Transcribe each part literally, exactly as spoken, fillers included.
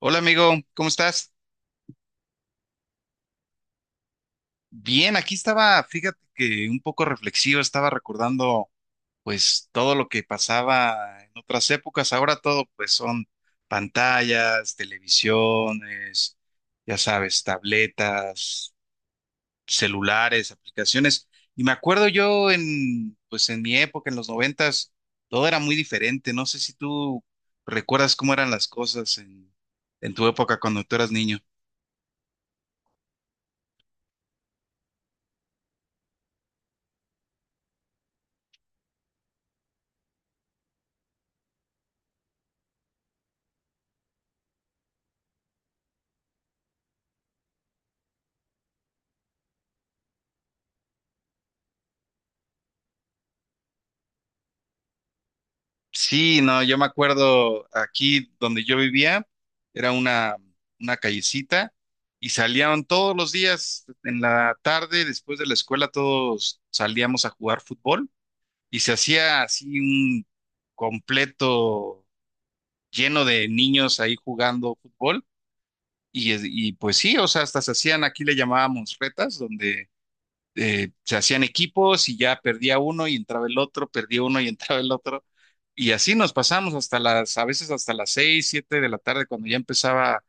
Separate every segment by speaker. Speaker 1: Hola amigo, ¿cómo estás? Bien, aquí estaba, fíjate que un poco reflexivo, estaba recordando pues todo lo que pasaba en otras épocas, ahora todo pues son pantallas, televisiones, ya sabes, tabletas, celulares, aplicaciones. Y me acuerdo yo en pues en mi época, en los noventas, todo era muy diferente. No sé si tú recuerdas cómo eran las cosas en, en tu época cuando tú eras niño. Sí, no, yo me acuerdo aquí donde yo vivía, era una, una callecita y salían todos los días en la tarde, después de la escuela, todos salíamos a jugar fútbol y se hacía así un completo lleno de niños ahí jugando fútbol y, es- y pues sí, o sea, hasta se hacían, aquí le llamábamos retas, donde eh, se hacían equipos y ya perdía uno y entraba el otro, perdía uno y entraba el otro. Y así nos pasamos hasta las, a veces hasta las seis, siete de la tarde cuando ya empezaba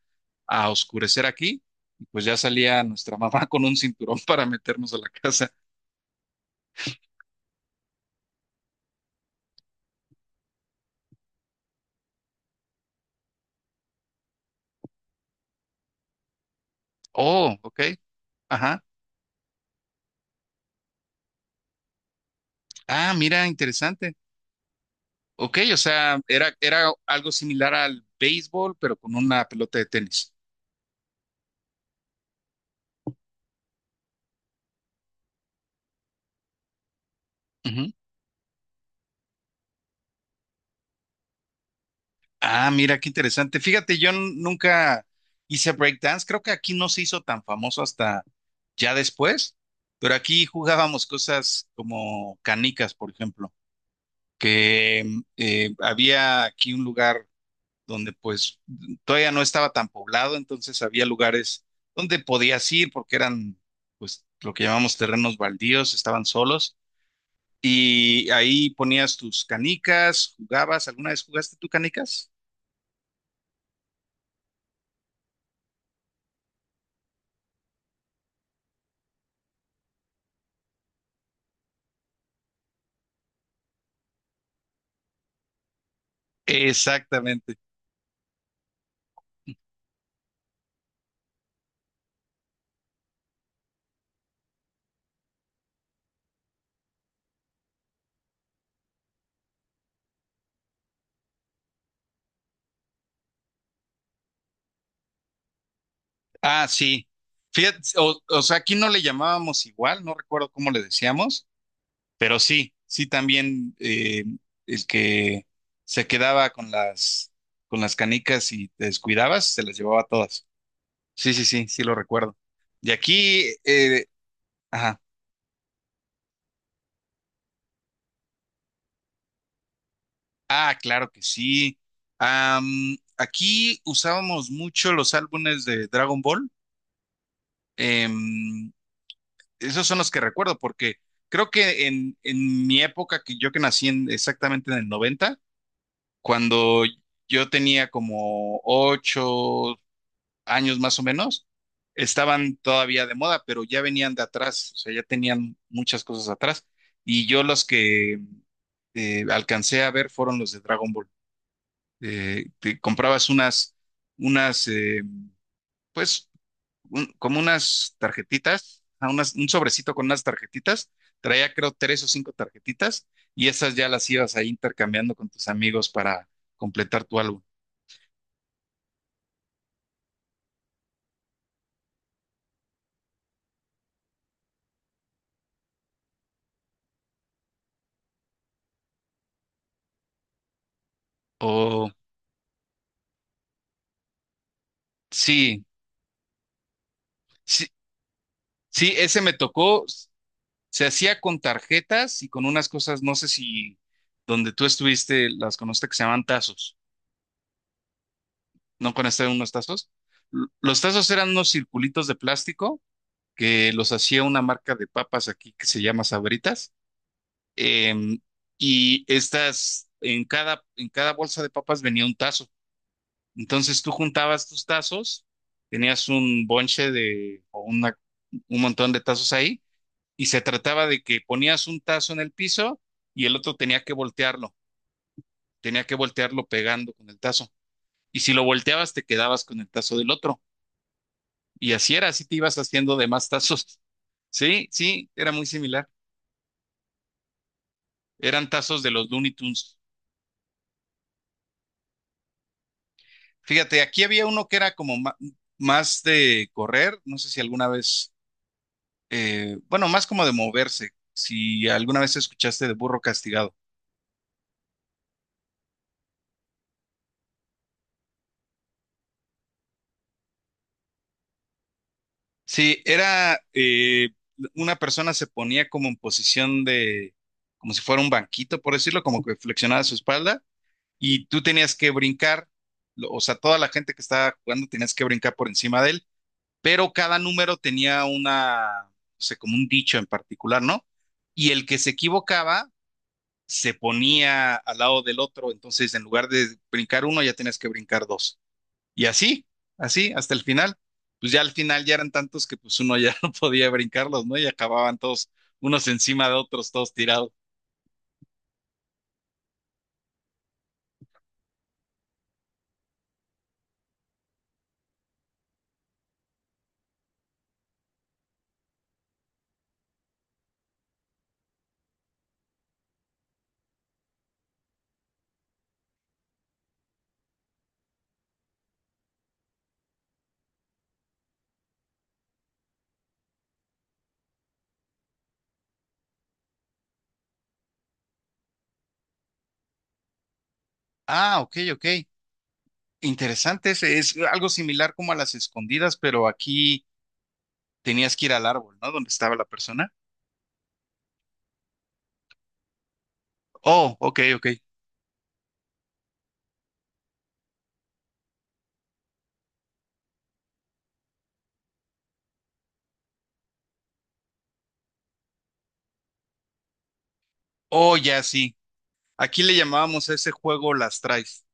Speaker 1: a oscurecer aquí. Y pues ya salía nuestra mamá con un cinturón para meternos a la casa. Oh, ok, ajá. Ah, mira, interesante. Ok, o sea, era, era algo similar al béisbol, pero con una pelota de tenis. Ujú. Ah, mira, qué interesante. Fíjate, yo n- nunca hice breakdance. Creo que aquí no se hizo tan famoso hasta ya después, pero aquí jugábamos cosas como canicas, por ejemplo, que mm, eh, había aquí un lugar donde pues todavía no estaba tan poblado, entonces había lugares donde podías ir porque eran pues lo que llamamos terrenos baldíos, estaban solos y ahí ponías tus canicas, jugabas. ¿Alguna vez jugaste tú canicas? Exactamente. Ah, sí. Fíjate, o, o sea, aquí no le llamábamos igual, no recuerdo cómo le decíamos, pero sí, sí también eh, el que se quedaba con las, con las, canicas y te descuidabas, se las llevaba todas. Sí, sí, sí, sí lo recuerdo. Y aquí, eh, ajá, ah, claro que sí. Am, aquí usábamos mucho los álbumes de Dragon Ball. Em, Esos son los que recuerdo, porque creo que en, en mi época, que yo que nací en- exactamente en el noventa, cuando yo tenía como ocho años más o menos, estaban todavía de moda, pero ya venían de atrás, o sea, ya tenían muchas cosas atrás. Y yo los que eh, alcancé a ver fueron los de Dragon Ball. Eh, te comprabas unas, unas, eh, pues un- como unas tarjetitas, a unas- un sobrecito con unas tarjetitas, traía creo tres o cinco tarjetitas y esas ya las ibas ahí intercambiando con tus amigos para completar tu álbum. Oh, sí, sí, sí, ese me tocó, se hacía con tarjetas y con unas cosas, no sé si donde tú estuviste las conociste que se llaman tazos, ¿no conociste unos tazos? L- Los tazos eran unos circulitos de plástico que los hacía una marca de papas aquí que se llama Sabritas, eh, y estas, en cada, en cada, bolsa de papas venía un tazo. Entonces tú juntabas tus tazos, tenías un bonche de, o una, un montón de tazos ahí, y se trataba de que ponías un tazo en el piso y el otro tenía que voltearlo, tenía que voltearlo pegando con el tazo. Y si lo volteabas, te quedabas con el tazo del otro. Y así era, así te ibas haciendo de más tazos. Sí, sí, era muy similar. Eran tazos de los Looney Tunes. Fíjate, aquí había uno que era como ma- más de correr, no sé si alguna vez, eh, bueno, más como de moverse, si alguna vez escuchaste de burro castigado. Sí, era eh, una persona se ponía como en posición de, como si fuera un banquito, por decirlo, como que flexionaba su espalda y tú tenías que brincar, lo- o sea, toda la gente que estaba jugando tenías que brincar por encima de él, pero cada número tenía una, o sea, como un dicho en particular, ¿no? Y el que se equivocaba se ponía al lado del otro, entonces en lugar de brincar uno, ya tenías que brincar dos. Y así, así, hasta el final. Pues ya al final ya eran tantos que pues uno ya no podía brincarlos, ¿no? Y acababan todos unos encima de otros, todos tirados. Ah, ok, ok. Interesante, es, es algo similar como a las escondidas, pero aquí tenías que ir al árbol, ¿no? Donde estaba la persona. Oh, ok, ok. Oh, ya sí. Aquí le llamábamos a ese juego las traes,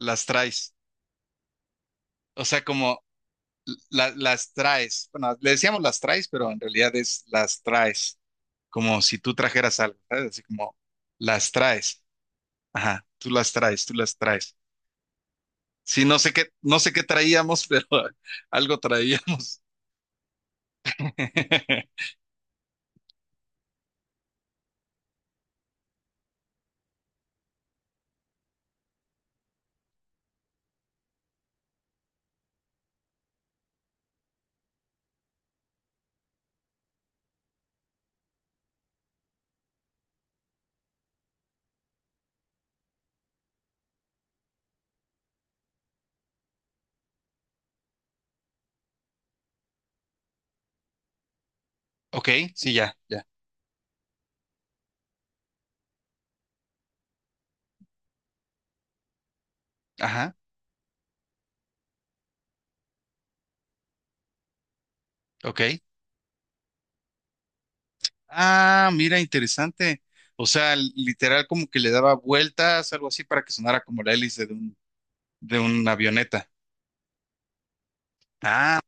Speaker 1: las traes. O sea, como la- las traes. Bueno, le decíamos las traes, pero en realidad es las traes, como si tú trajeras algo, ¿sabes? Así como las traes. Ajá, tú las traes, tú las traes. Sí, no sé qué, no sé qué traíamos, pero algo traíamos. Ok, sí, ya, ya. Ajá, ok. Ah, mira, interesante. O sea, literal como que le daba vueltas, algo así, para que sonara como la hélice de un, de una avioneta. Ah,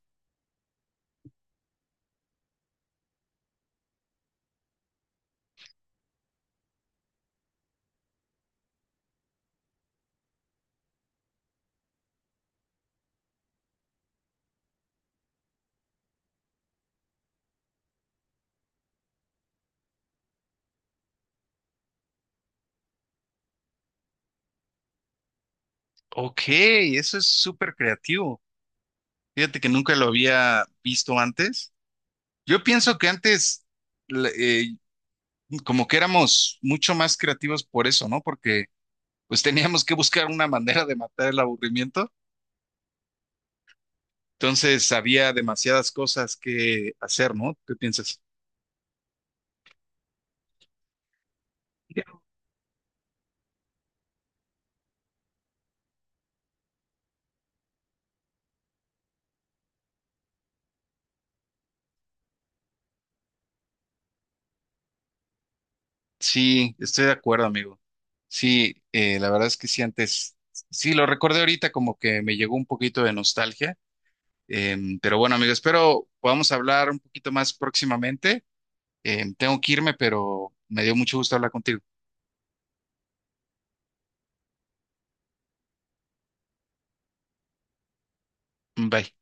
Speaker 1: ok, eso es súper creativo. Fíjate que nunca lo había visto antes. Yo pienso que antes le- eh, como que éramos mucho más creativos por eso, ¿no? Porque pues teníamos que buscar una manera de matar el aburrimiento. Entonces había demasiadas cosas que hacer, ¿no? ¿Qué piensas? Sí, estoy de acuerdo, amigo. Sí, eh, la verdad es que sí, antes, sí, lo recordé ahorita como que me llegó un poquito de nostalgia. Em, pero bueno, amigo, espero podamos hablar un poquito más próximamente. Em, tengo que irme, pero me dio mucho gusto hablar contigo. Bye.